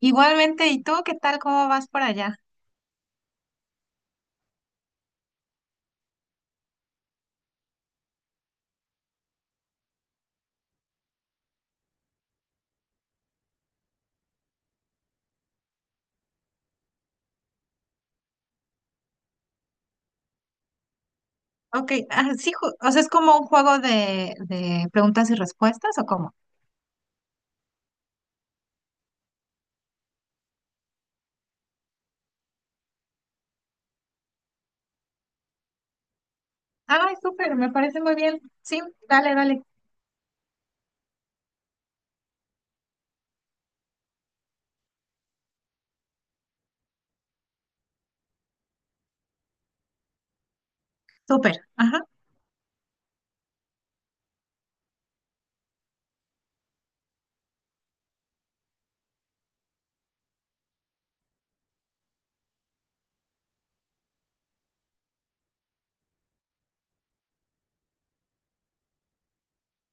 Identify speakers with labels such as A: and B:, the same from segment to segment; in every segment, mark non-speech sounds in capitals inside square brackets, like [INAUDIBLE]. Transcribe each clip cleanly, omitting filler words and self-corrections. A: Igualmente, ¿y tú qué tal? ¿Cómo vas por allá? Ok, sí, o sea, es como un juego de preguntas y respuestas, ¿o cómo? Ay, súper, me parece muy bien. Sí, dale, dale. Súper, ajá.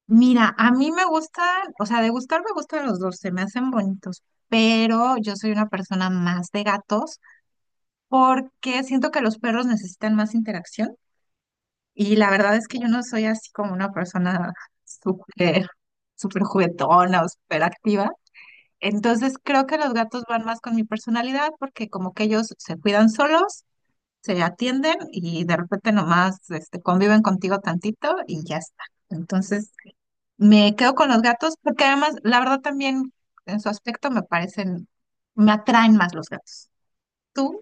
A: Mira, a mí me gustan, o sea, de gustar me gustan los dos, se me hacen bonitos, pero yo soy una persona más de gatos porque siento que los perros necesitan más interacción y la verdad es que yo no soy así como una persona súper, súper juguetona o súper activa. Entonces creo que los gatos van más con mi personalidad porque como que ellos se cuidan solos, se atienden y de repente nomás este, conviven contigo tantito y ya está. Entonces me quedo con los gatos porque además la verdad también en su aspecto me parecen, me atraen más los gatos. ¿Tú?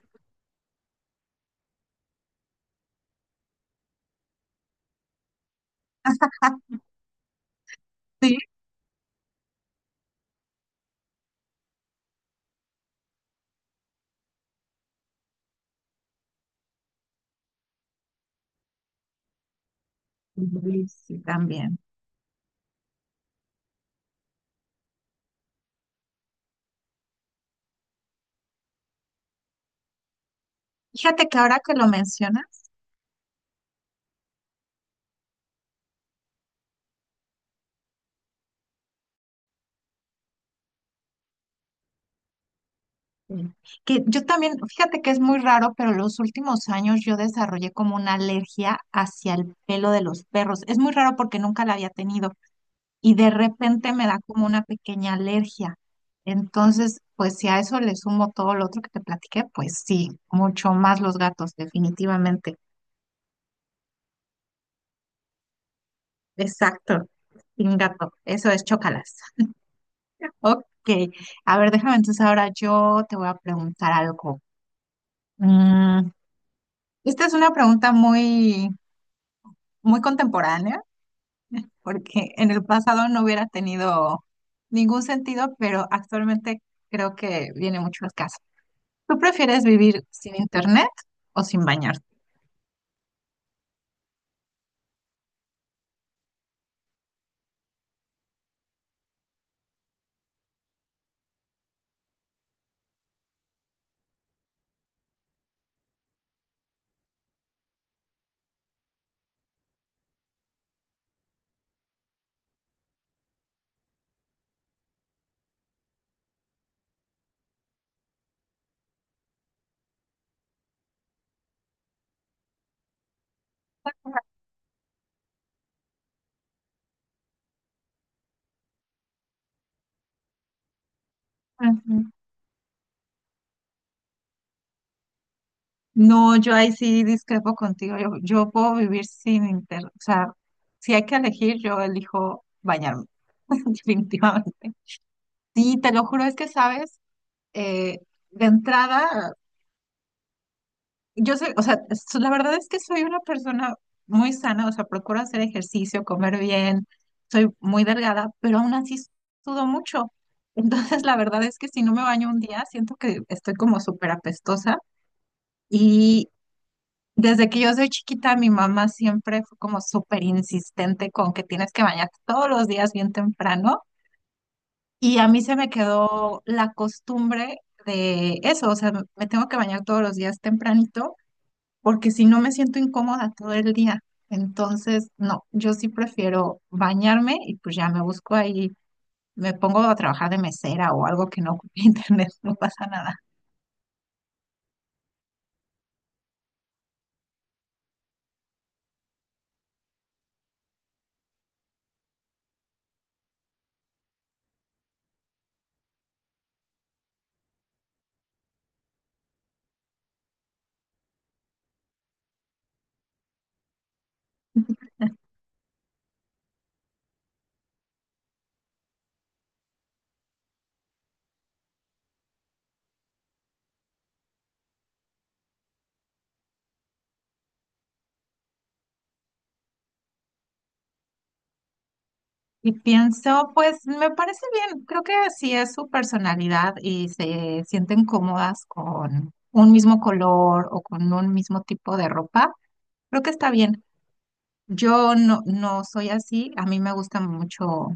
A: Sí, sí, también. Fíjate que ahora que lo mencionas, mm. Que yo también, fíjate que es muy raro, pero los últimos años yo desarrollé como una alergia hacia el pelo de los perros. Es muy raro porque nunca la había tenido y de repente me da como una pequeña alergia. Entonces, pues si a eso le sumo todo lo otro que te platiqué, pues sí, mucho más los gatos, definitivamente. Exacto, sin gato, eso es chócalas. Ok, a ver, déjame entonces ahora yo te voy a preguntar algo. Mm, Esta es una pregunta muy contemporánea, porque en el pasado no hubiera tenido ningún sentido, pero actualmente creo que viene mucho al caso. ¿Tú prefieres vivir sin internet o sin bañarte? Ujú. No, yo ahí sí discrepo contigo. Yo puedo vivir sin internet. O sea, si hay que elegir, yo elijo bañarme, [LAUGHS] definitivamente. Sí, te lo juro, es que sabes, Eh, de entrada. Yo soy, o sea, la verdad es que soy una persona muy sana, o sea, procuro hacer ejercicio, comer bien, soy muy delgada, pero aún así sudo mucho. [LAUGHS] Entonces, la verdad es que si no me baño un día, siento que estoy como súper apestosa. Y desde que yo soy chiquita, mi mamá siempre fue como súper insistente con que tienes que bañarte todos los días bien temprano. Y a mí se me quedó la costumbre de eso, o sea, me tengo que bañar todos los días tempranito porque si no me siento incómoda todo el día. Entonces, no, yo sí prefiero bañarme y pues ya me busco ahí, me pongo a trabajar de mesera o algo que no ocupe [LAUGHS] internet, no pasa nada. Y pienso, pues me parece bien, creo que si es su personalidad y se sienten cómodas con un mismo color o con un mismo tipo de ropa, creo que está bien. Yo no, no soy así, a mí me gusta mucho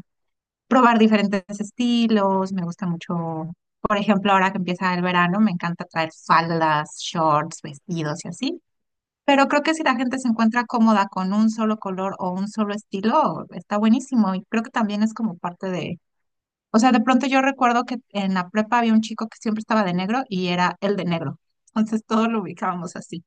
A: probar diferentes estilos, me gusta mucho, por ejemplo, ahora que empieza el verano, me encanta traer faldas, shorts, vestidos y así. Pero creo que si la gente se encuentra cómoda con un solo color o un solo estilo, está buenísimo. Y creo que también es como parte de, o sea, de pronto yo recuerdo que en la prepa había un chico que siempre estaba de negro y era el de negro. Entonces todos lo ubicábamos así.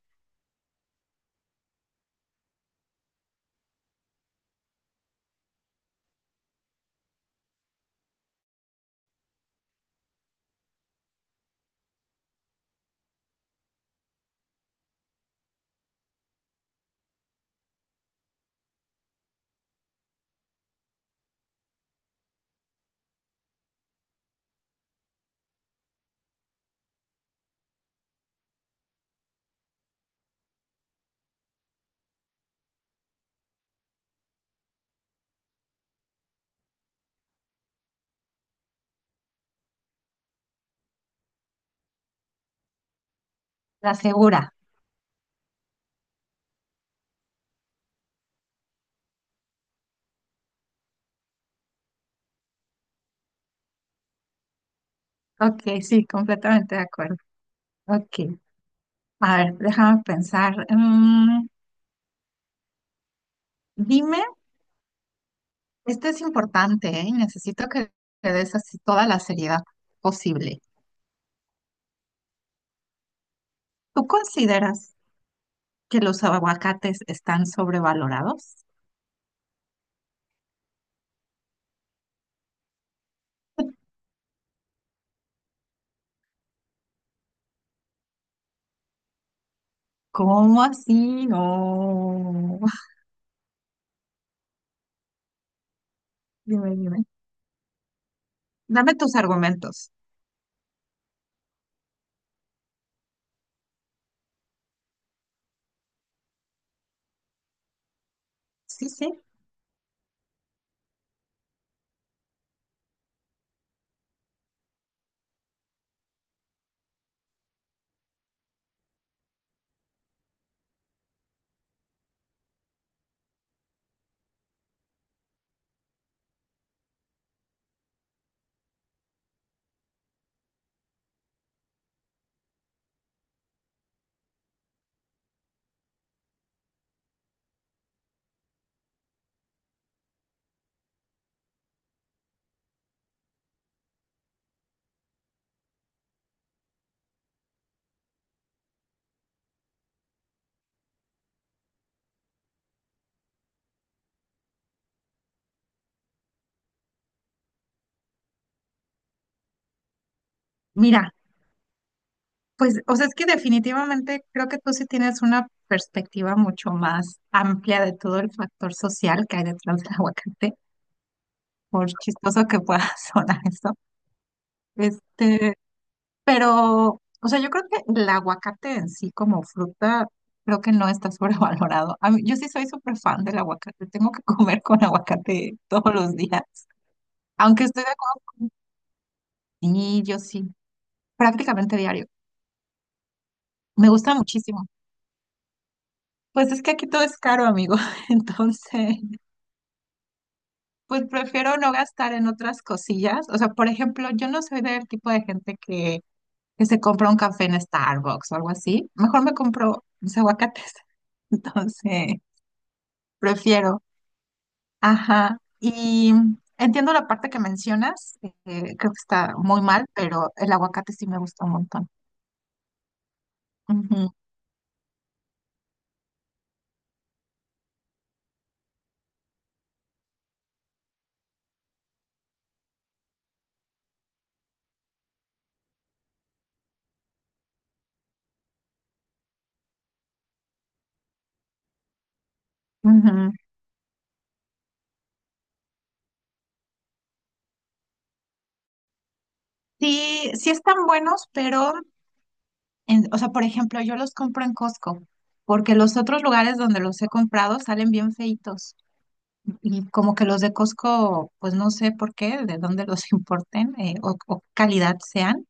A: La segura. Ok, sí, completamente de acuerdo. Ok. A ver, déjame pensar. Dime. Esto es importante, ¿eh? Y necesito que le des así toda la seriedad posible. ¿Tú consideras que los aguacates están sobrevalorados? ¿Cómo así? No. [LAUGHS] Dime, dime. Dame tus argumentos. Sí, sí. Mira, pues, o sea, es que definitivamente creo que tú sí tienes una perspectiva mucho más amplia de todo el factor social que hay detrás del aguacate, por chistoso que pueda [LAUGHS] sonar eso. Este, Pero, o sea, yo creo que el aguacate en sí como fruta, creo que no está [LAUGHS] sobrevalorado. A mí- yo sí soy súper fan del aguacate. Tengo que comer con aguacate [LAUGHS] todos los días. Aunque estoy de acuerdo. Sí, yo sí, prácticamente diario. Me gusta muchísimo. Pues es que aquí todo es caro, amigo. [LAUGHS] Entonces, pues prefiero no gastar en otras cosillas. O sea, por ejemplo, yo no soy del tipo de gente que se compra un café en Starbucks o algo así. Mejor me compro mis aguacates. [LAUGHS] Entonces, prefiero. Ajá, y entiendo la parte que mencionas, creo que está muy mal, pero el aguacate sí me gusta un montón. Ujú, ujú. Sí, sí están buenos, pero, o sea, por ejemplo, yo los compro en Costco, porque los otros lugares donde los he comprado salen bien feitos, y como que los de Costco, pues no sé por qué, de dónde los [LAUGHS] importen, o qué calidad sean,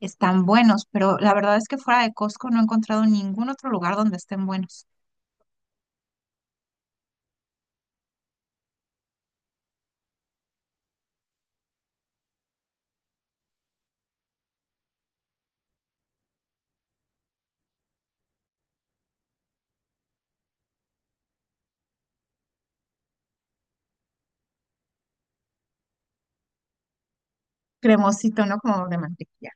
A: están buenos, pero la verdad es que fuera de Costco no he encontrado ningún otro lugar donde estén buenos. Cremosito, ¿no? Como de mantequilla.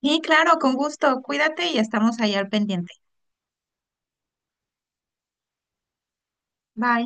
A: Y claro, con gusto, cuídate y estamos ahí al pendiente. Bye.